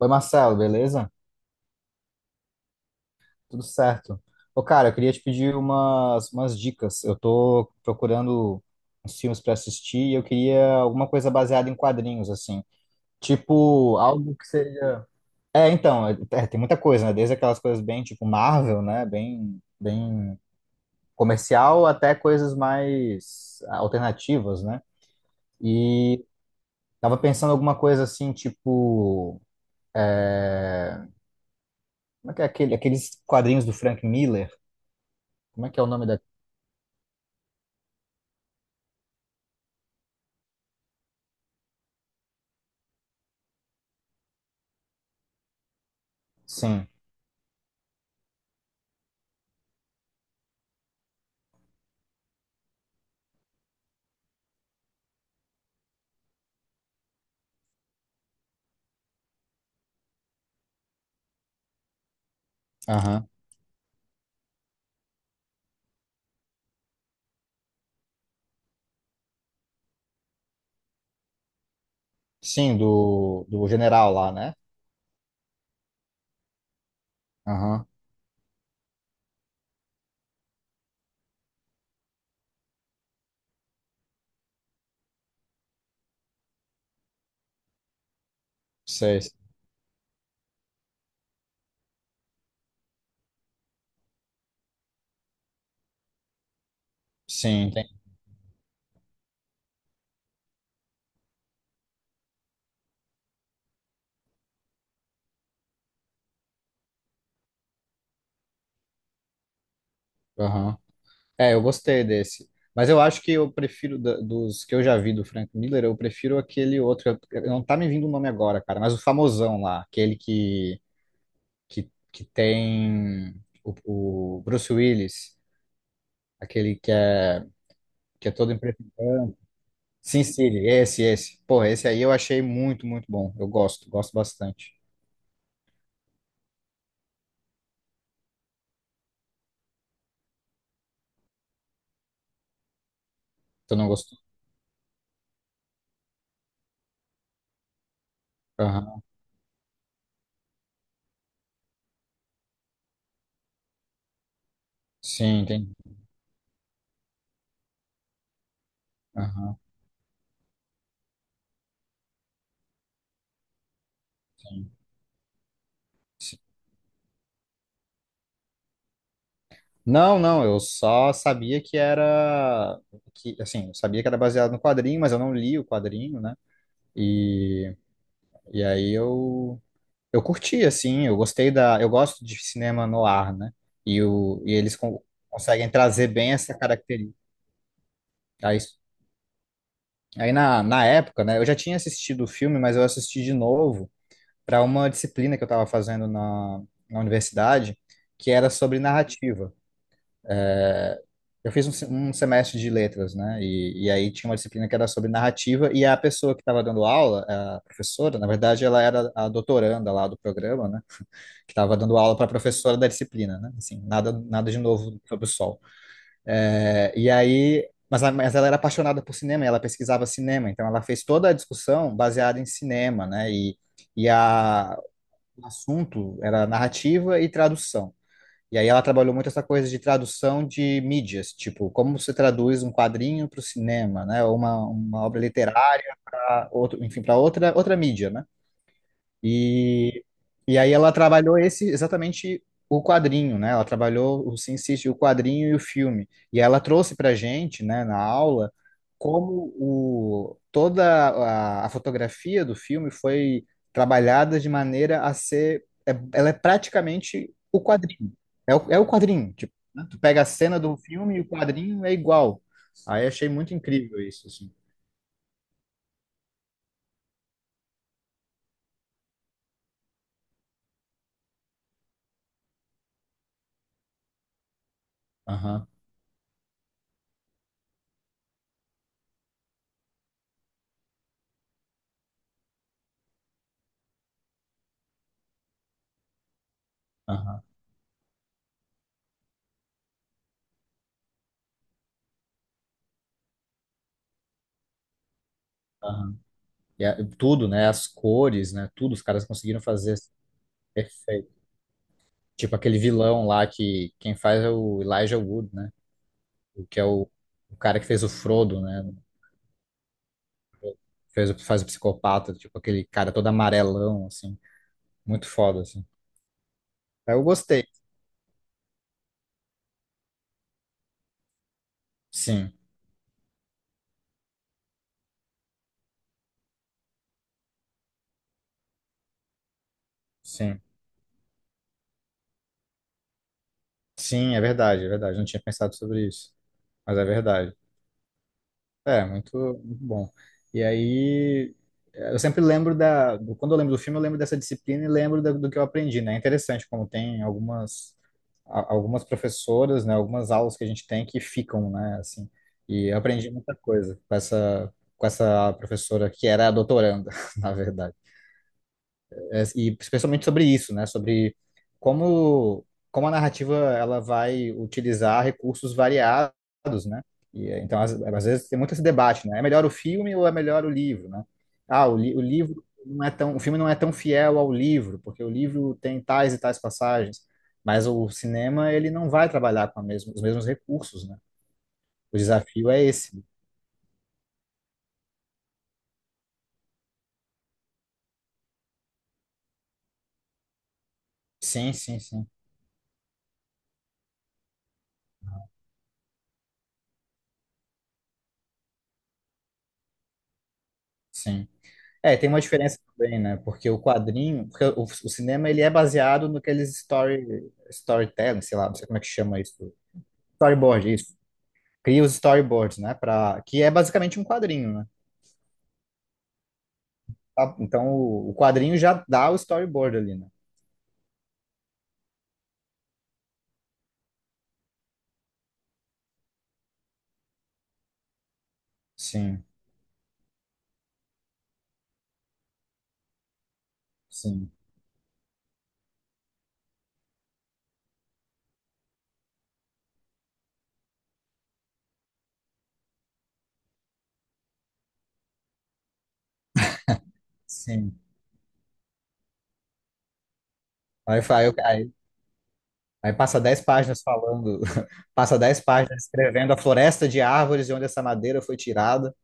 Oi, Marcelo, beleza? Tudo certo. Ô, cara, eu queria te pedir umas dicas. Eu tô procurando uns filmes pra assistir e eu queria alguma coisa baseada em quadrinhos, assim. Tipo, algo que seja. É, então, tem muita coisa, né? Desde aquelas coisas bem, tipo, Marvel, né? Bem, bem comercial, até coisas mais alternativas, né? E tava pensando alguma coisa assim, tipo. é, Como é que é aqueles quadrinhos do Frank Miller? Como é que é o nome? Sim, aham. Sim, do general lá, né? Aham. Sei. Sim, tem. Aham. É, eu gostei desse. Mas eu acho que eu prefiro, dos que eu já vi do Frank Miller, eu prefiro aquele outro. Não tá me vindo o nome agora, cara, mas o famosão lá, aquele que tem o, o Bruce Willis, aquele que é todo em preto e branco. Sin City, esse, esse. Porra, esse aí eu achei muito, muito bom. Eu gosto bastante. Tu não gostou? Aham. Sim, tem. Aham, sim, sim. Não, não, eu só sabia que era que assim, eu sabia que era baseado no quadrinho, mas eu não li o quadrinho, né? E, e aí eu curti assim, eu gosto de cinema noir, né? E o e eles conseguem trazer bem essa característica. Aí, aí na época, né, eu já tinha assistido o filme, mas eu assisti de novo para uma disciplina que eu estava fazendo na universidade, que era sobre narrativa. Eu fiz um semestre de letras, né? E aí tinha uma disciplina que era sobre narrativa, e a pessoa que estava dando aula, a professora, na verdade, ela era a doutoranda lá do programa, né? Que estava dando aula para a professora da disciplina, né? Assim, nada, nada de novo sobre o sol. É, e aí, mas, mas ela era apaixonada por cinema, e ela pesquisava cinema, então ela fez toda a discussão baseada em cinema, né? E a, o assunto era narrativa e tradução. E aí ela trabalhou muito essa coisa de tradução de mídias, tipo, como você traduz um quadrinho para o cinema, né? Ou uma obra literária, outro, enfim, para outra mídia, né? E, e aí ela trabalhou esse exatamente o quadrinho, né? Ela trabalhou o Sin City, o quadrinho e o filme. E ela trouxe para gente, né, na aula, toda a fotografia do filme foi trabalhada de maneira a ser, ela é praticamente o quadrinho. É o quadrinho, tipo, né? Tu pega a cena do filme e o quadrinho é igual. Aí achei muito incrível isso, assim. Aham, aham, aham. E tudo, né? As cores, né? Tudo, os caras conseguiram fazer assim, perfeito. Tipo aquele vilão lá que quem faz é o Elijah Wood, né? O que é o cara que fez o Frodo, né? Faz o psicopata, tipo aquele cara todo amarelão, assim. Muito foda, assim. Aí eu gostei. Sim, sim. Sim, é verdade, é verdade. Não tinha pensado sobre isso, mas é verdade. É, muito, muito bom. E aí, eu sempre lembro quando eu lembro do filme, eu lembro dessa disciplina e lembro do que eu aprendi, né? É interessante como tem algumas professoras, né? Algumas aulas que a gente tem que ficam, né? Assim, e eu aprendi muita coisa com essa professora que era a doutoranda, na verdade e especialmente sobre isso, né? Sobre como, como a narrativa ela vai utilizar recursos variados, né? E, então, às vezes, tem muito esse debate, né? É melhor o filme ou é melhor o livro, né? Ah, o livro não é tão, o filme não é tão fiel ao livro, porque o livro tem tais e tais passagens, mas o cinema, ele não vai trabalhar com os mesmos recursos, né? O desafio é esse. Sim, sim, sim, sim. É, tem uma diferença também, né? Porque o quadrinho, porque o cinema ele é baseado no que eles storytelling, sei lá, não sei como é que chama isso. Storyboard, isso. Cria os storyboards, né? Pra, que é basicamente um quadrinho, né? Tá? Então o quadrinho já dá o storyboard ali, né? Sim, sim, sim. Aí, fa- aí, aí aí passa 10 páginas falando, passa 10 páginas escrevendo a floresta de árvores de onde essa madeira foi tirada.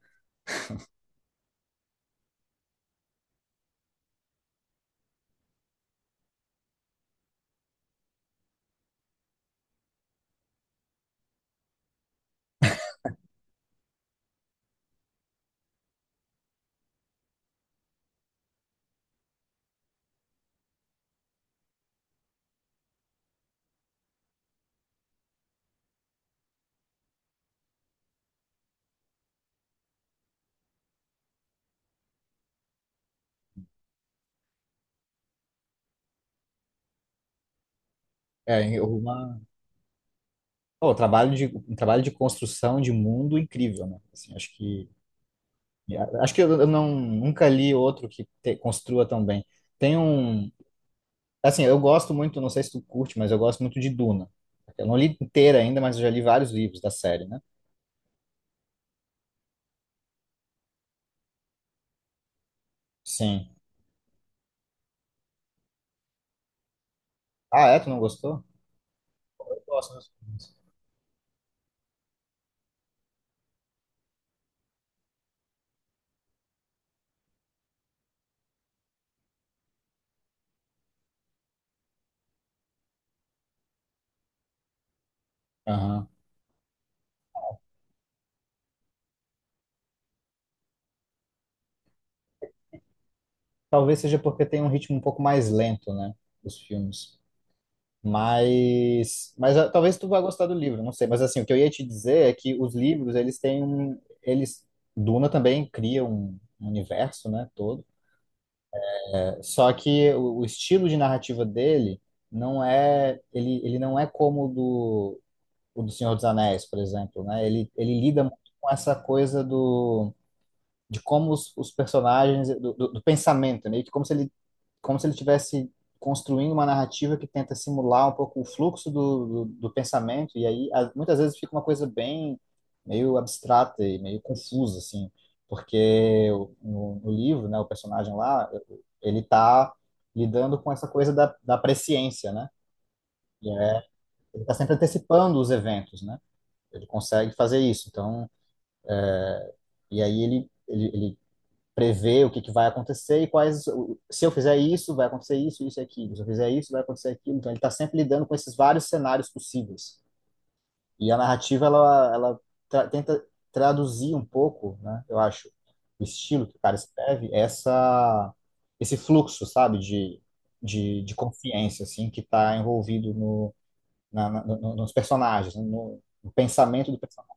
É, pô, um trabalho de construção de mundo incrível, né? Assim, acho que eu não nunca li outro que construa tão bem. Tem um, assim, eu gosto muito, não sei se tu curte, mas eu gosto muito de Duna. Eu não li inteira ainda, mas eu já li vários livros da série, né? Sim. Ah, é? Tu não gostou? Eu gosto dos filmes. Aham. Talvez seja porque tem um ritmo um pouco mais lento, né? Dos filmes. Talvez tu vá gostar do livro, não sei. Mas assim, o que eu ia te dizer é que os livros, eles têm um, eles, Duna também cria um universo, né, todo. Só que o estilo de narrativa dele ele não é como o do Senhor dos Anéis, por exemplo, né? Ele lida muito com essa coisa do, de como os personagens, do pensamento, meio que como se ele tivesse construindo uma narrativa que tenta simular um pouco o fluxo do pensamento, e aí muitas vezes fica uma coisa bem meio abstrata e meio confusa, assim, porque no livro, né, o personagem lá, ele tá lidando com essa coisa da presciência, né? E ele tá sempre antecipando os eventos, né? Ele consegue fazer isso, então, e aí ele prever que vai acontecer e quais. Se eu fizer isso, vai acontecer isso, isso e aquilo. Se eu fizer isso, vai acontecer aquilo. Então, ele está sempre lidando com esses vários cenários possíveis. E a narrativa, ela tra tenta traduzir um pouco, né, eu acho, o estilo que o cara escreve, essa, esse fluxo, sabe, de consciência, assim, que está envolvido no, na, na, no, nos personagens, no pensamento do personagem.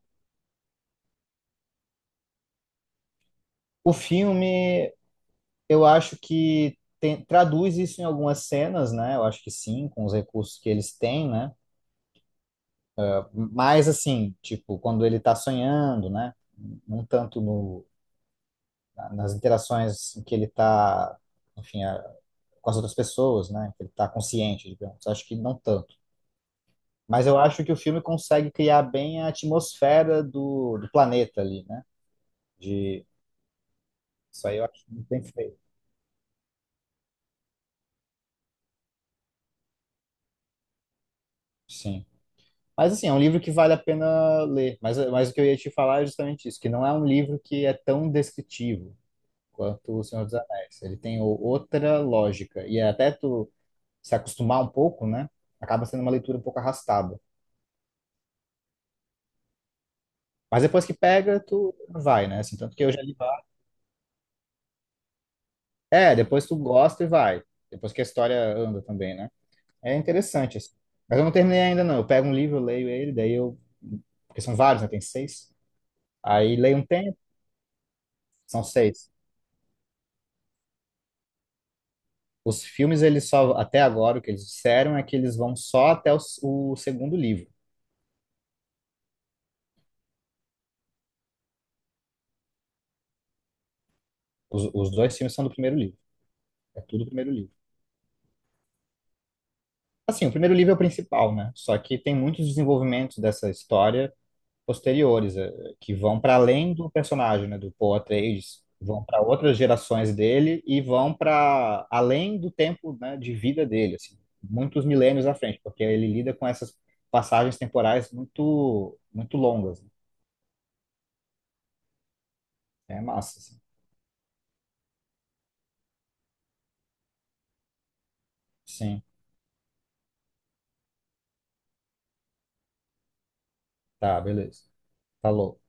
O filme, eu acho que traduz isso em algumas cenas, né? Eu acho que sim, com os recursos que eles têm, né? Mas assim, tipo, quando ele tá sonhando, né? Não tanto no, na- nas interações em que ele tá, enfim, com as outras pessoas, né? Que ele tá consciente, digamos. Acho que não tanto. Mas eu acho que o filme consegue criar bem a atmosfera do planeta ali, né? De, isso aí eu acho muito bem feito. Sim. Mas assim, é um livro que vale a pena ler. Mas o que eu ia te falar é justamente isso, que não é um livro que é tão descritivo quanto O Senhor dos Anéis. Ele tem outra lógica. E é até tu se acostumar um pouco, né? Acaba sendo uma leitura um pouco arrastada. Mas depois que pega, tu vai, né? Assim, tanto que eu já li vários. É, depois tu gosta e vai. Depois que a história anda também, né? É interessante, assim. Mas eu não terminei ainda, não. Eu pego um livro, eu leio ele, daí eu. Porque são vários, né? Tem seis. Aí leio um tempo, são seis. Os filmes, eles só, até agora, o que eles disseram é que eles vão só até o segundo livro. Os dois filmes são do primeiro livro. É tudo o primeiro livro. Assim, o primeiro livro é o principal, né? Só que tem muitos desenvolvimentos dessa história posteriores, que vão para além do personagem, né? Do Paul Atreides, vão para outras gerações dele e vão para além do tempo, né, de vida dele, assim, muitos milênios à frente, porque ele lida com essas passagens temporais muito, muito longas, né? É massa, assim. Sim. Tá, beleza. Falou.